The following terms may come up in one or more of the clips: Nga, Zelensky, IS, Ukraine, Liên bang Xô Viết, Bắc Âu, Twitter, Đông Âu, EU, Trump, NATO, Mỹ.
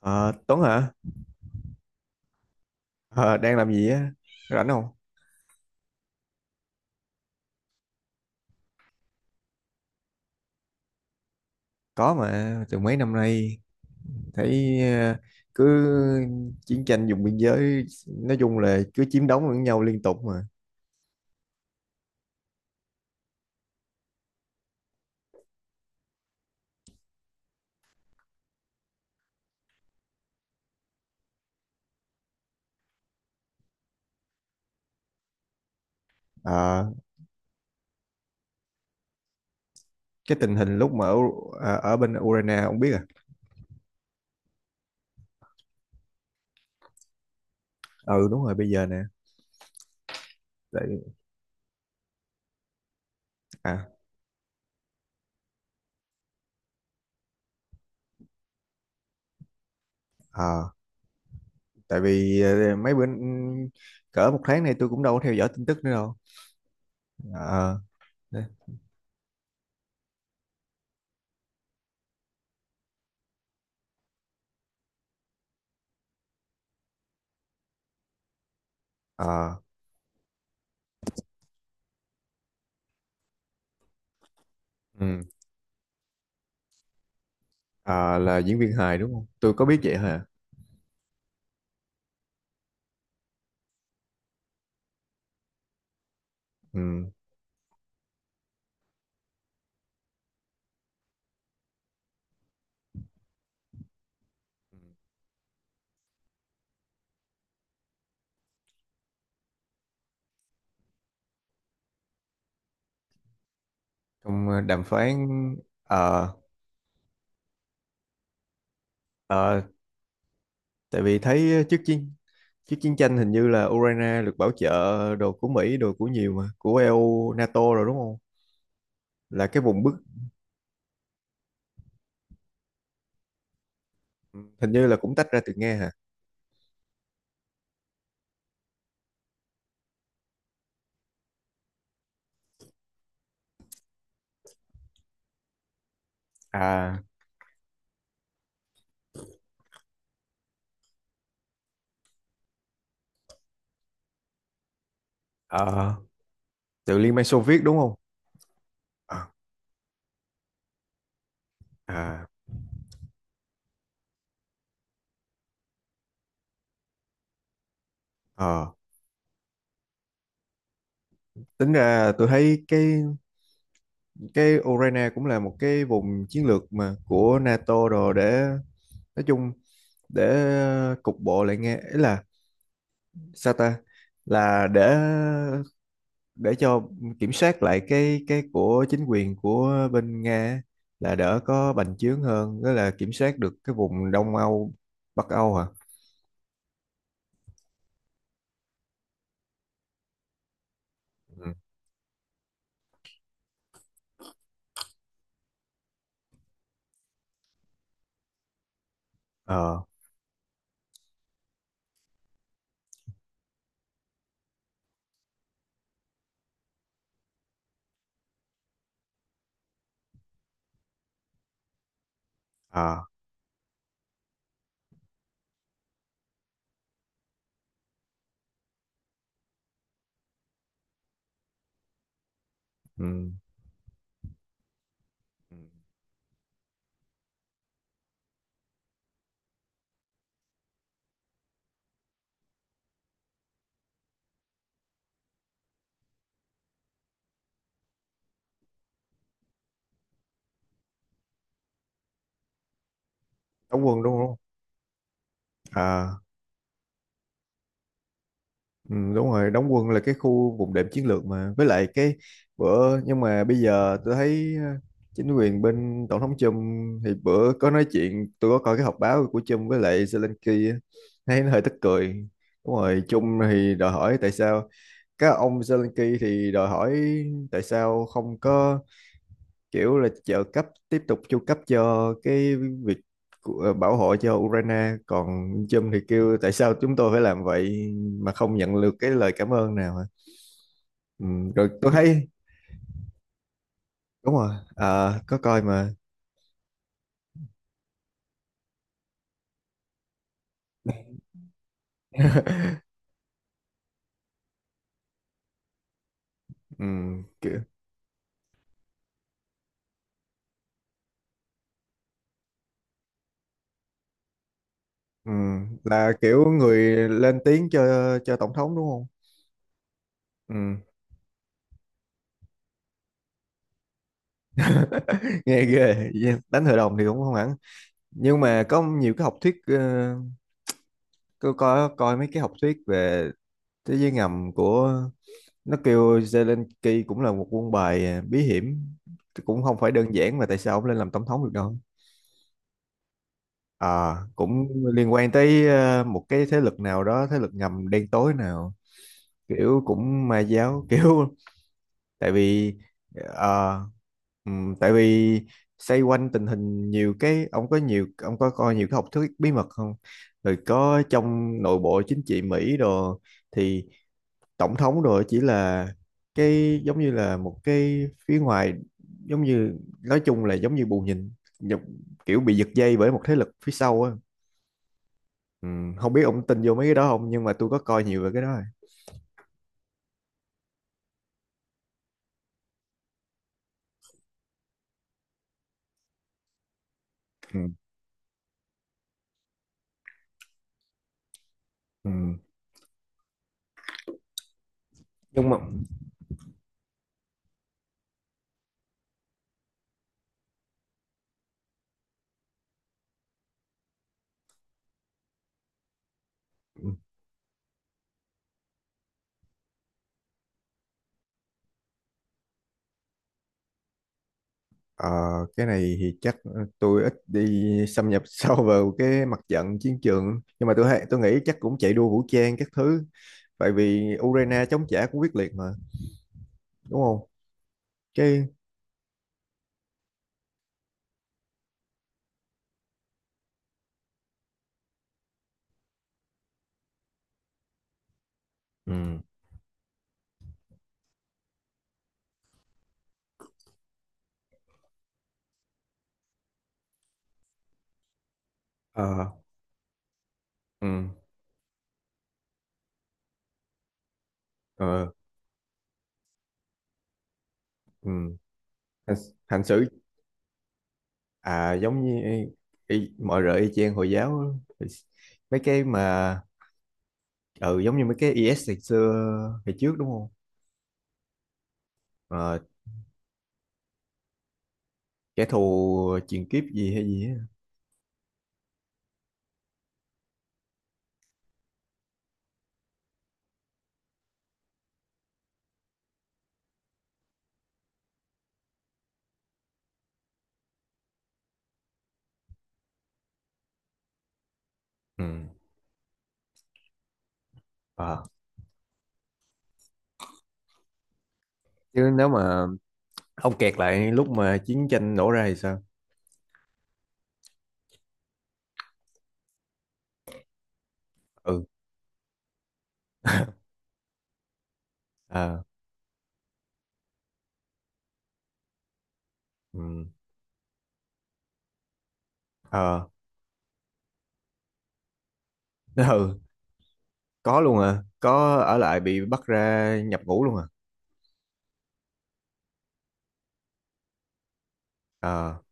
Ờ, Tuấn hả? Ờ, đang làm gì á? Rảnh không? Có mà, từ mấy năm nay thấy cứ chiến tranh vùng biên giới, nói chung là cứ chiếm đóng lẫn nhau liên tục mà. Ờ, cái tình hình lúc mà ở bên Ukraine không biết à? Ừ đúng rồi, bây giờ nè. Tại à, ờ, tại vì mấy bữa, cỡ một tháng nay tôi cũng đâu có theo dõi tin tức nữa đâu. Ờ, đấy. Ờ, ừ. Ờ, là diễn viên hài đúng không? Tôi có biết vậy hả? Ừ. Ừ. Trong đàm phán. ờ ờ, Tại vì thấy trước chiến tranh hình như là Ukraine được bảo trợ đồ của Mỹ, đồ của nhiều, mà của EU NATO rồi đúng không? Là cái vùng bức, hình như là cũng tách ra từ Nga hả? À, ờ, từ Liên bang Xô Viết đúng không? À, à, ờ. Tính ra tôi thấy cái Ukraine cũng là một cái vùng chiến lược mà của NATO rồi, để nói chung, để cục bộ lại nghe, ý là sao ta, là để cho kiểm soát lại cái của chính quyền của bên Nga á, là đỡ có bành trướng hơn đó, là kiểm soát được cái vùng Đông Âu, Bắc Âu hả? Ừ. Ờ. À, ừ. Ừ. Đóng quân đúng không? À ừ, đúng rồi, đóng quân là cái khu vùng đệm chiến lược mà, với lại cái bữa, nhưng mà bây giờ tôi thấy chính quyền bên tổng thống Trump thì bữa có nói chuyện, tôi có coi cái họp báo của Trump với lại Zelensky á, thấy nó hơi tức cười. Đúng rồi, Trung thì đòi hỏi tại sao. Các ông Zelensky thì đòi hỏi tại sao không có kiểu là trợ cấp tiếp tục, chu cấp cho cái việc bảo hộ cho Ukraine, còn Trump thì kêu tại sao chúng tôi phải làm vậy mà không nhận được cái lời cảm ơn nào hả? Ừ, rồi tôi thấy đúng rồi. À, có coi mà. ừ, Kiểu, ừ, là kiểu người lên tiếng cho tổng thống đúng không? Ừ, nghe ghê. Đánh hội đồng thì cũng không hẳn, nhưng mà có nhiều cái học thuyết. Ờ, Tôi có coi mấy cái học thuyết về thế giới ngầm của nó, kêu Zelensky cũng là một quân bài, bí hiểm, cũng không phải đơn giản mà tại sao ông lên làm tổng thống được đâu. Cũng liên quan tới một cái thế lực nào đó, thế lực ngầm đen tối nào, kiểu cũng ma giáo kiểu. Tại vì ờ, ừm, tại vì xoay quanh tình hình nhiều cái, ông có nhiều, ông có coi nhiều cái học thuyết bí mật không? Rồi có trong nội bộ chính trị Mỹ đồ, thì tổng thống rồi chỉ là cái, giống như là một cái phía ngoài, giống như nói chung là giống như bù nhìn, nhập- kiểu bị giật dây bởi một thế lực phía sau á. Ừ, không biết ông tin vô mấy cái đó không nhưng mà tôi có coi nhiều về cái đó rồi. Ừ. Ừ. Nhưng mà ờ, cái này thì chắc tôi ít đi xâm nhập sâu vào cái mặt trận chiến trường nhưng mà tôi nghĩ chắc cũng chạy đua vũ trang các thứ. Tại vì Ukraine chống trả cũng quyết liệt mà, đúng không? Cái ừ. Ờ ừ. Ờ ừ. hành, hành xử, à giống như mọi rợ y chang hồi giáo á. Thì mấy cái mà ừ giống như mấy cái IS ngày xưa ngày trước đúng không? Ờ, kẻ thù truyền kiếp gì hay gì á. Ừ. Ờ. Chứ nếu mà ông kẹt lại lúc mà chiến tranh nổ ra thì sao? Ừ. À. Ừ. Ờ. Ừ. Có luôn à? Có ở lại bị bắt ra nhập ngũ luôn à? Ờ,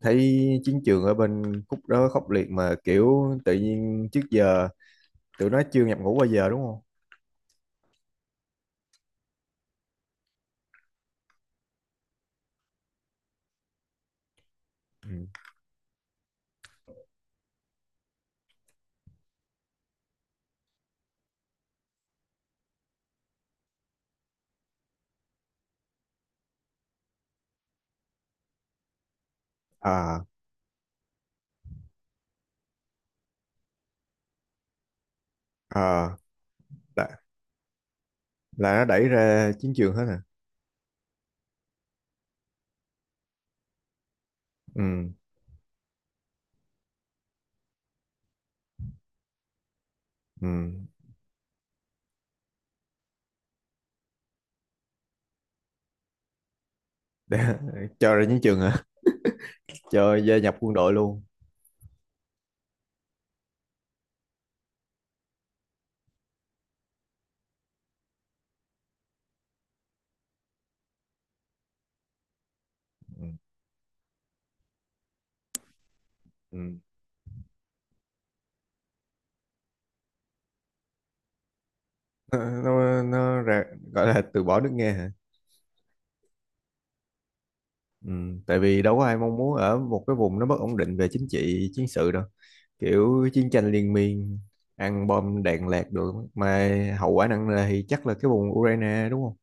thấy chiến trường ở bên khúc đó khốc liệt mà, kiểu tự nhiên trước giờ tụi nó chưa nhập ngũ bao giờ đúng không? Ừ. À. À. là, là nó đẩy ra chiến trường hết à? Ừ. Ừ. Để, cho ra chiến trường hả? Cho gia nhập quân đội luôn. Ừ. Ừ. nó nó ra, gọi là từ bỏ nước nghe hả? Ừ. Tại vì đâu có ai mong muốn ở một cái vùng nó bất ổn định về chính trị, chiến sự đâu. Kiểu chiến tranh liên miên, ăn bom đạn lạc được mà, hậu quả nặng nề thì chắc là cái vùng Ukraine đúng không?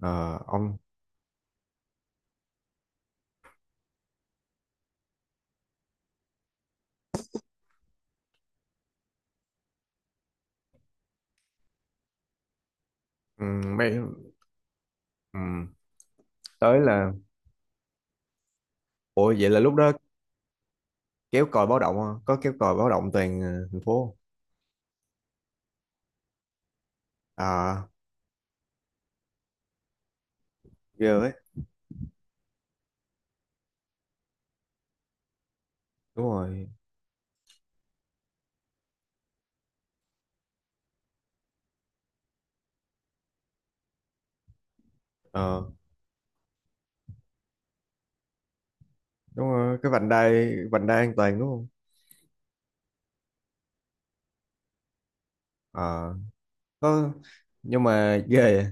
Ờ, ông. ừ, Mấy, ừ, tới là. Ủa vậy là lúc đó kéo còi báo động hả? Có kéo còi báo động toàn thành phố. À. Ghê ấy. Đúng rồi. Ờ. Đúng rồi, cái vành đai an toàn đúng không? Ờ. Có. Nhưng mà ghê vậy.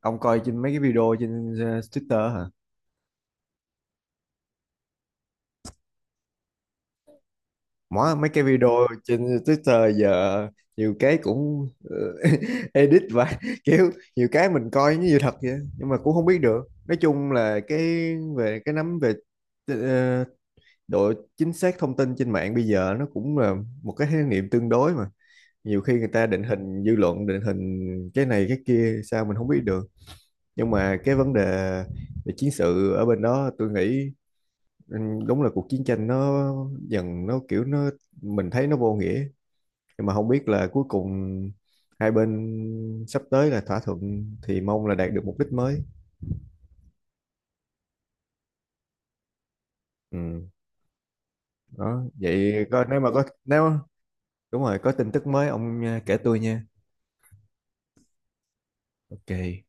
Ông coi trên mấy cái video trên Twitter hả? Mỗi mấy cái video trên Twitter giờ nhiều cái cũng edit và kiểu nhiều cái mình coi như sự thật vậy nhưng mà cũng không biết được. Nói chung là cái về cái nắm về ờ, độ chính xác thông tin trên mạng bây giờ nó cũng là một cái khái niệm tương đối mà, nhiều khi người ta định hình dư luận, định hình cái này cái kia sao mình không biết được. Nhưng mà cái vấn đề về chiến sự ở bên đó tôi nghĩ, ừ, đúng là cuộc chiến tranh nó dần, nó kiểu, nó mình thấy nó vô nghĩa, nhưng mà không biết là cuối cùng hai bên sắp tới là thỏa thuận thì mong là đạt được mục đích mới. Ừ, đó vậy, có nếu mà có nếu. Đúng rồi, có tin tức mới ông kể tôi nha. Ok.